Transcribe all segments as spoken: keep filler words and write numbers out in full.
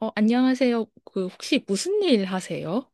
어, 안녕하세요. 그, 혹시 무슨 일 하세요?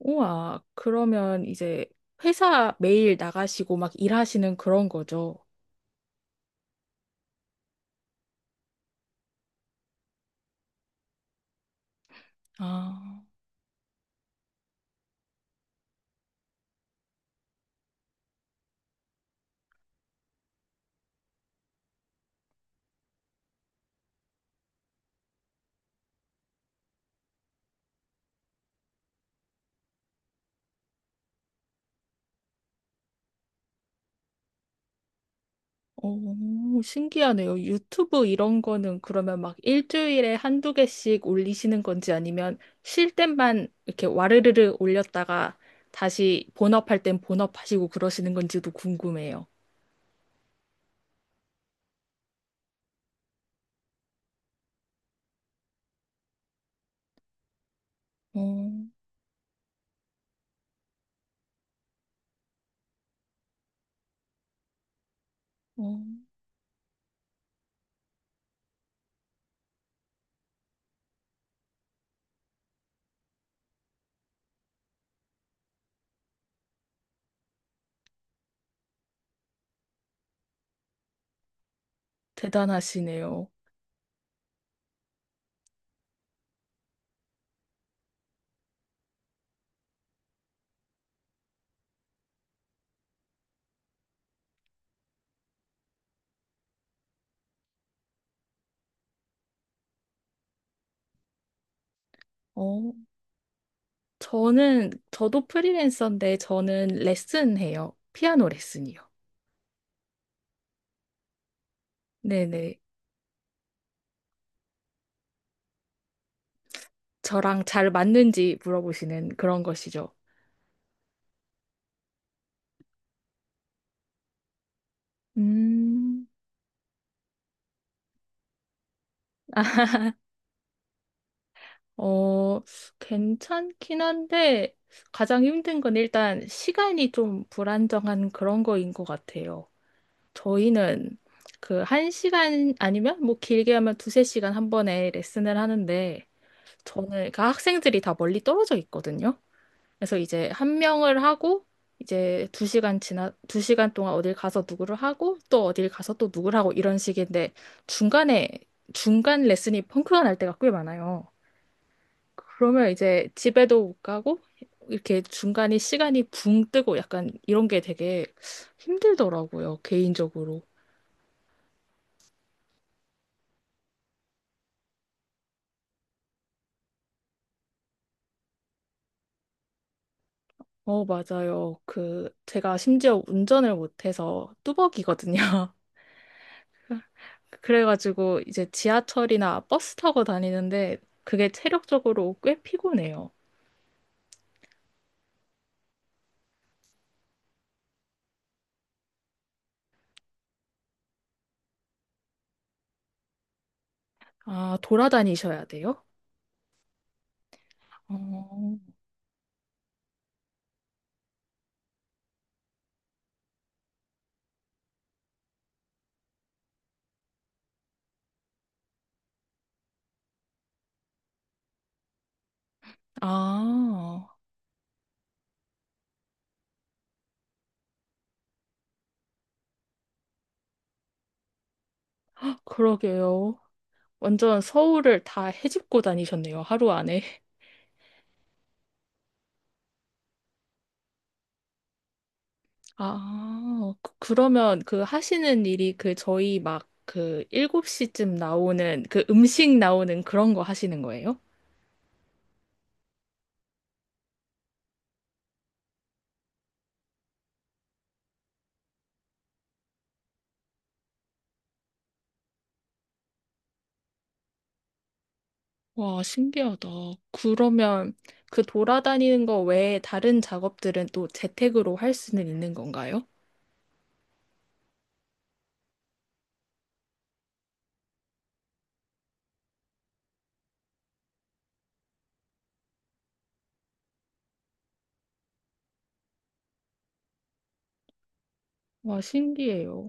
우와, 그러면 이제 회사 매일 나가시고 막 일하시는 그런 거죠? 아, 오, 신기하네요. 유튜브 이런 거는 그러면 막 일주일에 한두 개씩 올리시는 건지 아니면 쉴 땐만 이렇게 와르르르 올렸다가 다시 본업할 땐 본업하시고 그러시는 건지도 궁금해요. 어, 어, 대단하시네요. 어, 저는, 저도 프리랜서인데 저는 레슨해요. 피아노 레슨이요. 네네. 저랑 잘 맞는지 물어보시는 그런 것이죠. 음, 어, 괜찮긴 한데 가장 힘든 건 일단 시간이 좀 불안정한 그런 거인 것 같아요. 저희는 그 한 시간 아니면 뭐 길게 하면 두세 시간 한 번에 레슨을 하는데 저는 그 학생들이 다 멀리 떨어져 있거든요. 그래서 이제 한 명을 하고 이제 두 시간 지나 두 시간 동안 어딜 가서 누구를 하고 또 어딜 가서 또 누구를 하고 이런 식인데 중간에 중간 레슨이 펑크가 날 때가 꽤 많아요. 그러면 이제 집에도 못 가고 이렇게 중간에 시간이 붕 뜨고 약간 이런 게 되게 힘들더라고요, 개인적으로. 어, 맞아요. 그 제가 심지어 운전을 못해서 뚜벅이거든요. 그래가지고 이제 지하철이나 버스 타고 다니는데 그게 체력적으로 꽤 피곤해요. 아, 돌아다니셔야 돼요? 어, 아, 그러게요. 완전 서울을 다 헤집고 다니셨네요, 하루 안에. 아, 그- 그러면 그 하시는 일이 그 저희 막 그 일곱 시쯤 나오는 그 음식 나오는 그런 거 하시는 거예요? 와, 신기하다. 그러면 그 돌아다니는 거 외에 다른 작업들은 또 재택으로 할 수는 있는 건가요? 와, 신기해요.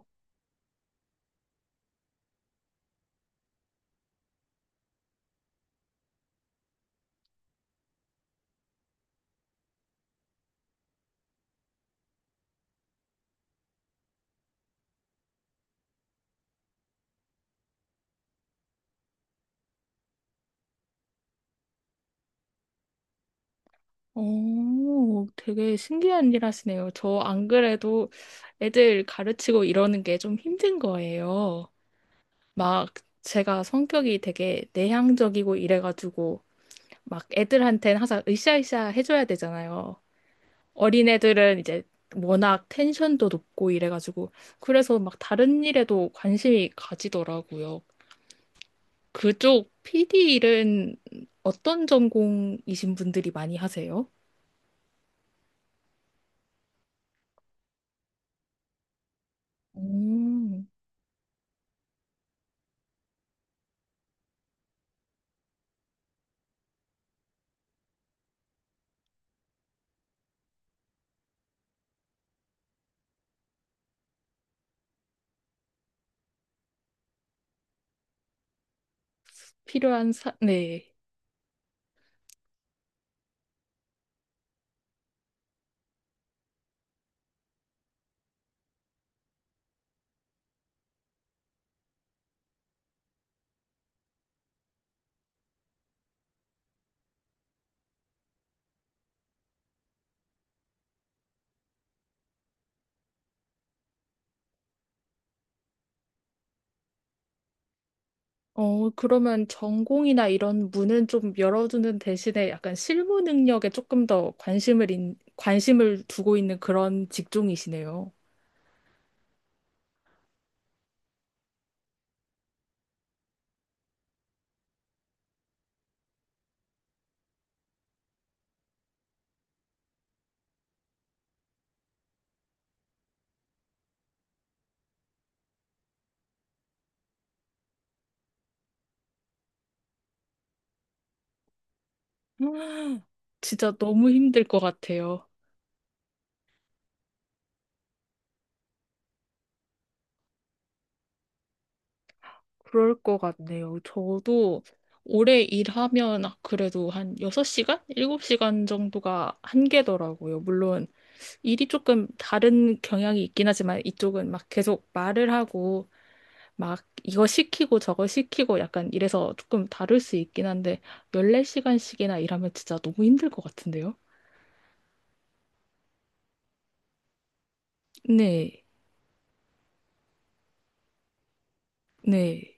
오, 되게 신기한 일 하시네요. 저 안 그래도 애들 가르치고 이러는 게 좀 힘든 거예요. 막 제가 성격이 되게 내향적이고 이래가지고 막 애들한테는 항상 으쌰으쌰 해줘야 되잖아요. 어린애들은 이제 워낙 텐션도 높고 이래가지고 그래서 막 다른 일에도 관심이 가지더라고요. 그쪽 피디 일은 어떤 전공이신 분들이 많이 하세요? 음, 필요한 사, 네. 어, 그러면 전공이나 이런 문은 좀 열어두는 대신에 약간 실무 능력에 조금 더 관심을, 인, 관심을 두고 있는 그런 직종이시네요. 음. 진짜 너무 힘들 것 같아요. 그럴 것 같네요. 저도 오래 일하면 아, 그래도 한 여섯 시간? 일곱 시간 정도가 한계더라고요. 물론 일이 조금 다른 경향이 있긴 하지만 이쪽은 막 계속 말을 하고 막 이거 시키고 저거 시키고 약간 이래서 조금 다를 수 있긴 한데 열네 시간씩이나 일하면 진짜 너무 힘들 것 같은데요? 네, 네.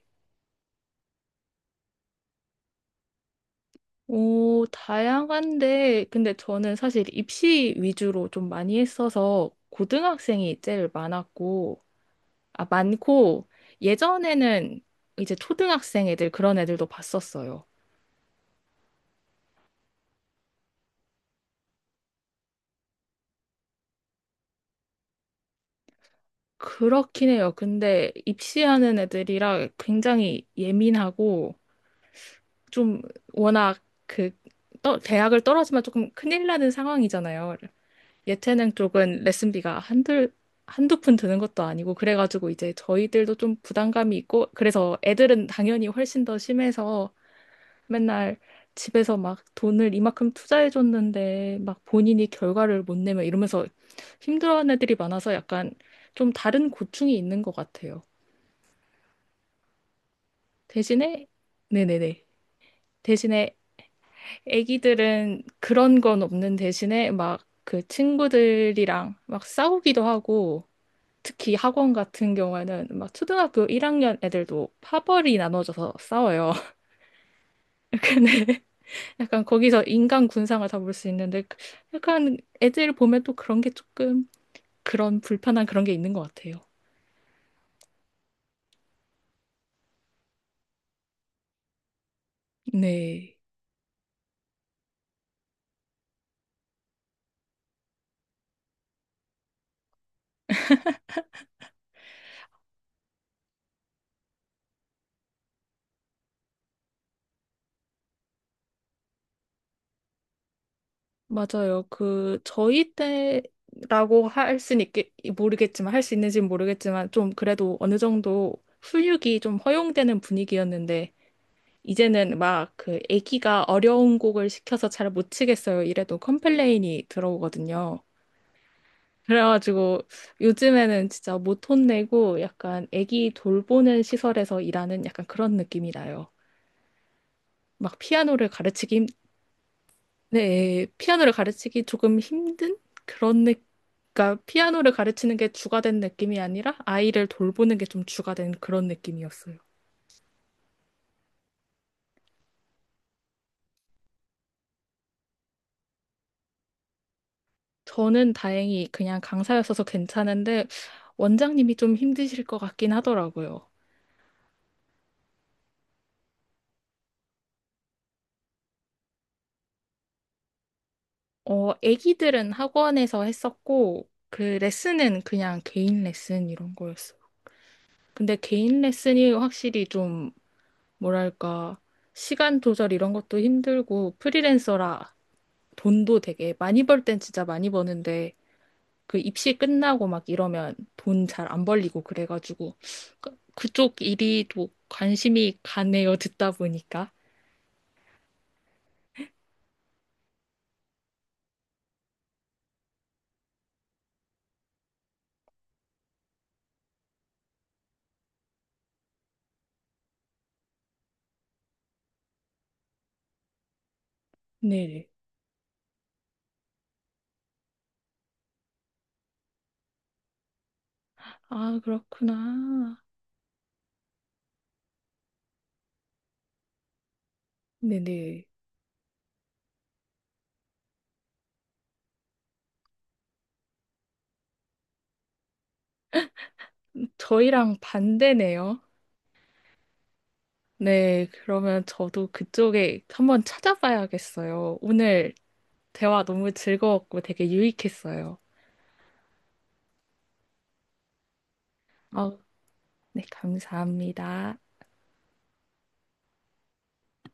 오, 다양한데, 근데 저는 사실 입시 위주로 좀 많이 했어서 고등학생이 제일 많았고, 아, 많고, 예전에는 이제 초등학생 애들 그런 애들도 봤었어요. 그렇긴 해요. 근데 입시하는 애들이라 굉장히 예민하고, 좀 워낙 그, 떠, 대학을 떨어지면 조금 큰일 나는 상황이잖아요. 예체능 쪽은 레슨비가 한둘, 한두 푼 드는 것도 아니고, 그래가지고 이제 저희들도 좀 부담감이 있고, 그래서 애들은 당연히 훨씬 더 심해서 맨날 집에서 막 돈을 이만큼 투자해줬는데, 막 본인이 결과를 못 내면 이러면서 힘들어하는 애들이 많아서 약간 좀 다른 고충이 있는 것 같아요. 대신에, 네네네. 대신에 애기들은 그런 건 없는 대신에 막 그 친구들이랑 막 싸우기도 하고, 특히 학원 같은 경우에는 막 초등학교 일 학년 애들도 파벌이 나눠져서 싸워요. 근데 약간 거기서 인간 군상을 다 볼 수 있는데 약간 애들 보면 또 그런 게 조금 그런 불편한 그런 게 있는 것 같아요. 네. 맞아요. 그 저희 때라고 할 수는 있겠 모르겠지만 할 수 있는지는 모르겠지만 좀 그래도 어느 정도 훈육이 좀 허용되는 분위기였는데 이제는 막 그 애기가 어려운 곡을 시켜서 잘 못 치겠어요. 이래도 컴플레인이 들어오거든요. 그래가지고 요즘에는 진짜 못 혼내고 약간 애기 돌보는 시설에서 일하는 약간 그런 느낌이 나요. 막 피아노를 가르치기, 힘- 네, 피아노를 가르치기 조금 힘든 그런 느, 그러니까 피아노를 가르치는 게 주가 된 느낌이 아니라 아이를 돌보는 게 좀 주가 된 그런 느낌이었어요. 저는 다행히 그냥 강사였어서 괜찮은데 원장님이 좀 힘드실 것 같긴 하더라고요. 어, 애기들은 학원에서 했었고 그 레슨은 그냥 개인 레슨 이런 거였어요. 근데 개인 레슨이 확실히 좀 뭐랄까 시간 조절 이런 것도 힘들고 프리랜서라 돈도 되게 많이 벌 땐 진짜 많이 버는데 그 입시 끝나고 막 이러면 돈 잘 안 벌리고 그래가지고 그- 그쪽 일이 또 관심이 가네요. 듣다 보니까. 네네. 아, 그렇구나. 네네. 저희랑 반대네요. 네, 그러면 저도 그쪽에 한번 찾아봐야겠어요. 오늘 대화 너무 즐거웠고 되게 유익했어요. 아, 네, 감사합니다.